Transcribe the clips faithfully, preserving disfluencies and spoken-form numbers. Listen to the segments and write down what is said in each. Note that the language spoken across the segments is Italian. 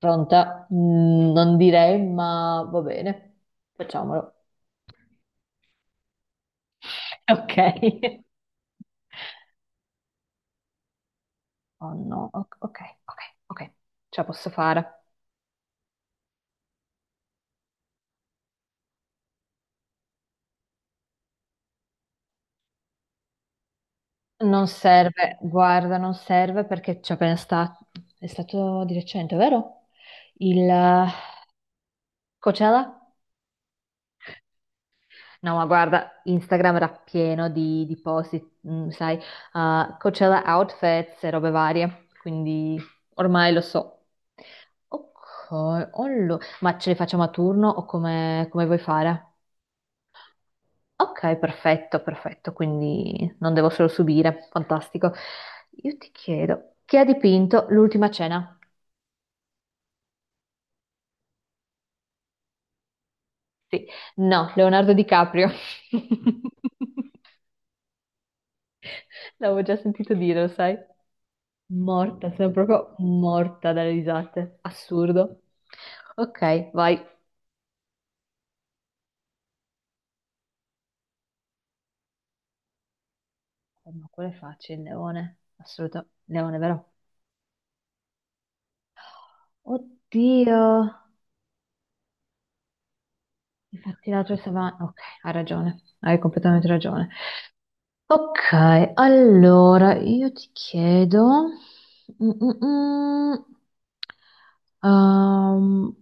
Pronta? Mm, non direi, ma va bene. Facciamolo. Ok. Oh no, O- ok, ok, ok, ce la posso fare. Non serve, guarda, non serve perché ci ho appena stato, è stato di recente, vero? Il eh, Coachella? No, ma guarda, Instagram era pieno di, di post, di- mm, sai, uh, Coachella outfits e robe varie, quindi ormai lo so. Ok, allo- ma ce li facciamo a turno o come, come vuoi fare? Ok, perfetto, perfetto, quindi non devo solo subire, fantastico. Io ti chiedo, chi ha dipinto l'ultima cena? No, Leonardo DiCaprio. L'avevo già sentito dire, lo sai? Morta, sono proprio morta dalle risate. Assurdo. Ok, vai. Eh, Ma quello è facile, il leone. Assoluto. Leone, vero? Oddio. Infatti la tua stava... Ok, hai ragione. Hai completamente ragione. Ok, allora io ti chiedo... Mm, mm, mm. Ehm,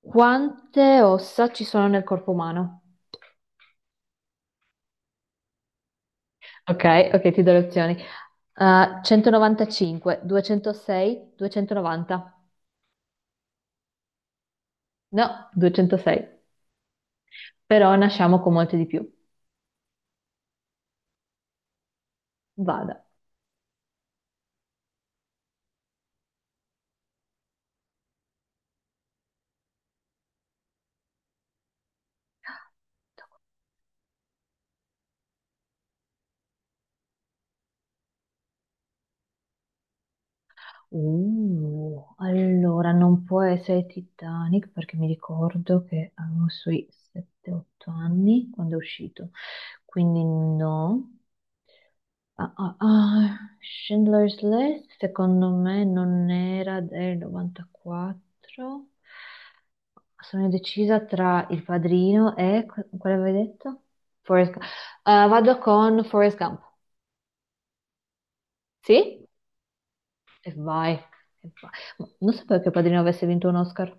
quante ossa ci sono nel corpo umano? Ok, ok, ti do le opzioni. Uh, centonovantacinque, duecentosei, duecentonovanta. No, duecentosei. Però nasciamo con molte di più. Vada. Uh, allora non può essere Titanic perché mi ricordo che avevo sui sette otto anni quando è uscito. Quindi no. Ah, ah, ah, Schindler's List secondo me non era del novantaquattro. Sono indecisa tra Il Padrino e... qu- Quale avevi detto? Forrest Gump. Eh, vado con Forrest Gump. Sì? E vai. E vai. Ma non sapevo che Il Padrino avesse vinto un Oscar.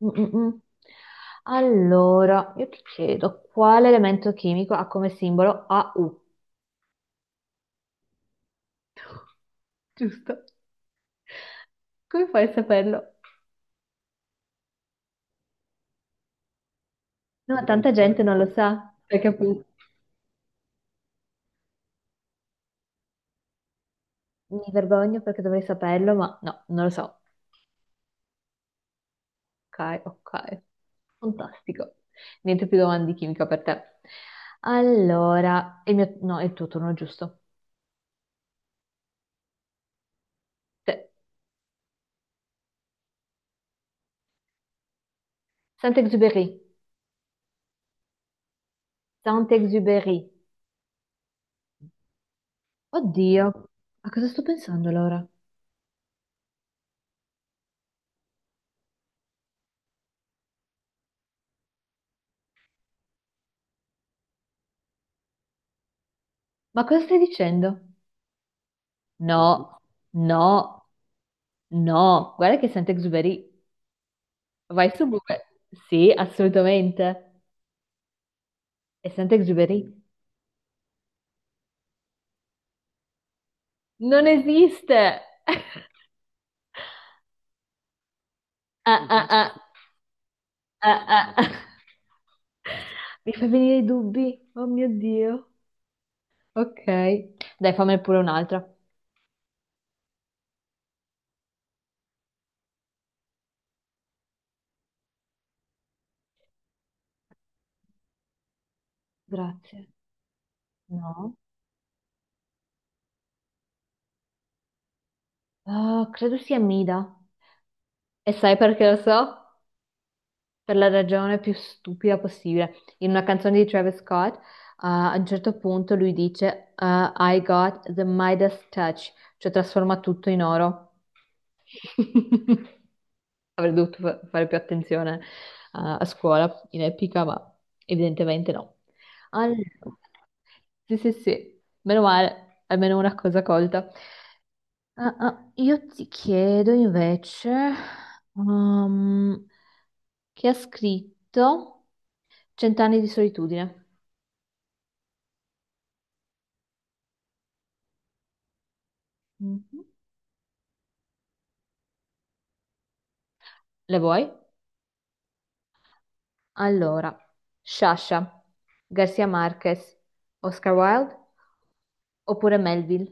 Mm, mm, mm. Allora, io ti chiedo, quale elemento chimico ha come simbolo A U? Giusto. Come fai a saperlo? No, tanta gente non lo sa. Hai capito? Mi vergogno perché dovrei saperlo, ma no, non lo so. Ok, ok. Fantastico. Niente più domande di chimica per te. Allora, il mio... no, è il tuo turno, giusto. Te. Saint-Exupéry. Saint-Exupéry. Oddio, a cosa sto pensando allora? Ma cosa stai dicendo? No, no, no. Guarda che è Saint-Exupéry. Vai su Google. Sì, assolutamente. È Saint-Exupéry. Non esiste. Ah, ah, ah, ah, ah. ah. Mi fa venire i dubbi. Oh mio Dio. Ok, dai, fammi pure un'altra. Grazie. No, ah, credo sia Mida. E sai perché lo so? Per la ragione più stupida possibile. In una canzone di Travis Scott, ah, a un certo punto lui dice ah, I got the Midas touch, cioè trasforma tutto in oro. Avrei dovuto fa- fare più attenzione, ah, a scuola in epica, ma evidentemente no. Allora, sì, sì, sì, meno male, almeno una cosa colta. Ah, ah, io ti chiedo invece, um, chi ha scritto Cent'anni di solitudine? Mhm. Le vuoi? Allora, Sciascia, Garcia Marquez, Oscar Wilde oppure Melville?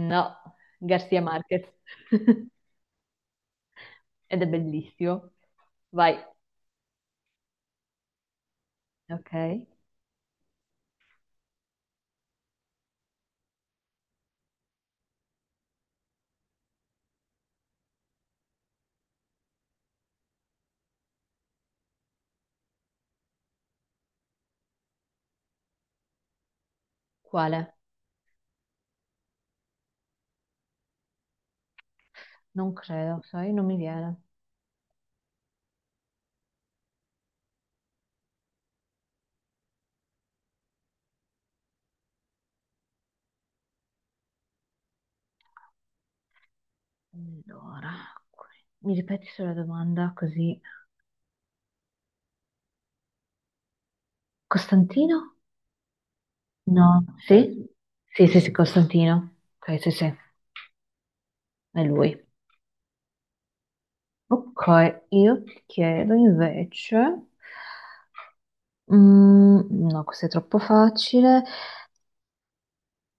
No, Garcia Marquez. Ed è bellissimo. Vai. Ok. Quale? Non credo, sai, non mi viene. Allora, que- mi ripeti solo la domanda così. Costantino? No, sì? Sì, sì, sì, Costantino. Ok, sì, sì, è lui. Ok, io ti chiedo invece, mm, no, questo è troppo facile.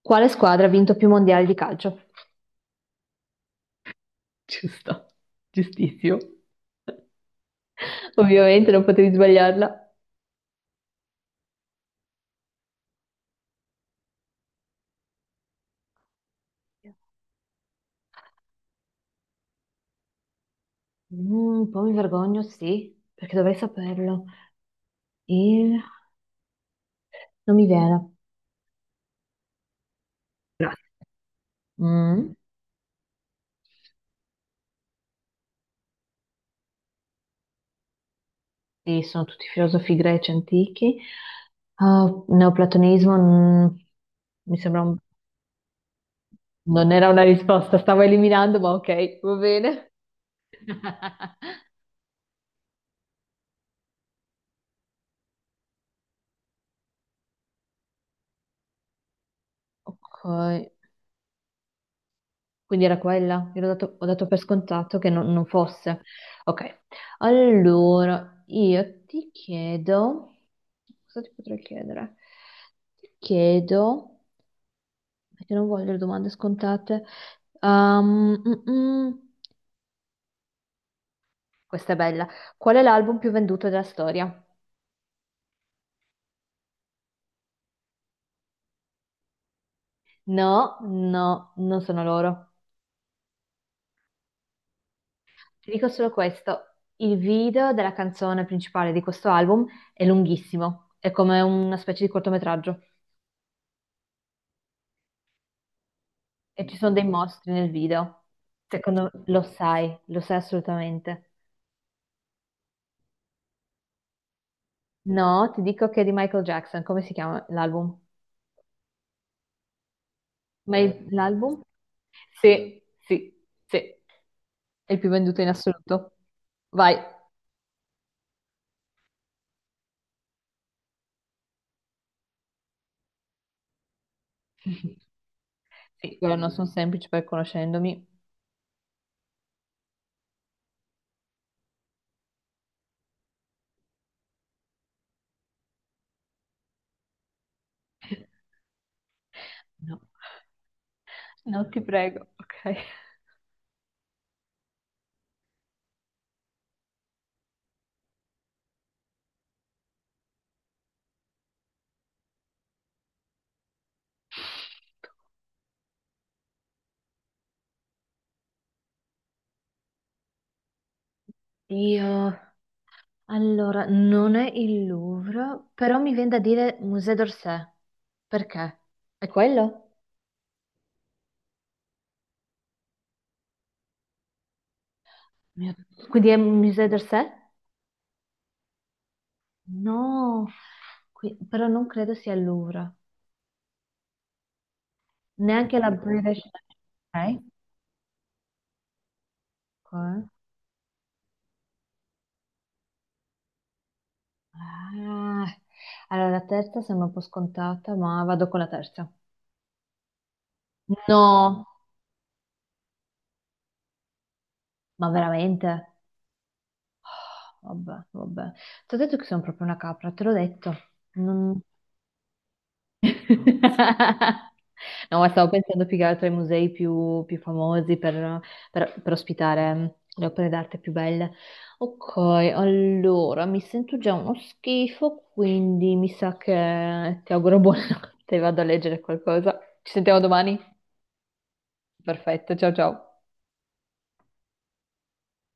Quale squadra ha vinto più mondiali di calcio? Ci sta, giustissimo. Ovviamente non potevi sbagliarla. Mm, un po' mi vergogno, sì, perché dovrei saperlo. E non mi viene. Mm. Sì, sono tutti filosofi greci antichi. Ah, neoplatonismo, mm, mi sembra un- non era una risposta, stavo eliminando, ma ok, va bene. Ok, quindi era quella. Io l'ho dato- ho dato per scontato che non, non fosse. Ok, allora io ti chiedo, cosa ti potrei chiedere? Ti chiedo, perché non voglio le domande scontate. Ehm, mm, mm. Questa è bella. Qual è l'album più venduto della storia? No, no, non sono loro. Ti dico solo questo. Il video della canzone principale di questo album è lunghissimo, è come una specie di cortometraggio e ci sono dei mostri nel video. Secondo me lo sai, lo sai assolutamente. No, ti dico che è di Michael Jackson, come si chiama l'album? Ma il- l'album? Sì, sì, sì, è il più venduto in assoluto. Vai, sì, quello non sono semplice per conoscendomi. No, no, ti prego, ok. Io, allora, non è il Louvre, però mi viene da dire Musée d'Orsay. Perché? È quello? Mio- Quindi è Musée d'Orsay? No, qui- però non credo sia il Louvre. Neanche la British. Ok. ok. Ah, allora, la terza sembra un po' scontata, ma vado con la terza. No, ma veramente? Vabbè, vabbè. Ti ho detto che sono proprio una capra, te l'ho detto. Non- No, ma stavo pensando più che altro ai musei più, più famosi per, per- per ospitare le opere d'arte più belle. Ok, allora mi sento già uno schifo, quindi mi sa che ti auguro buonanotte, vado a leggere qualcosa. Ci sentiamo domani? Perfetto, ciao ciao.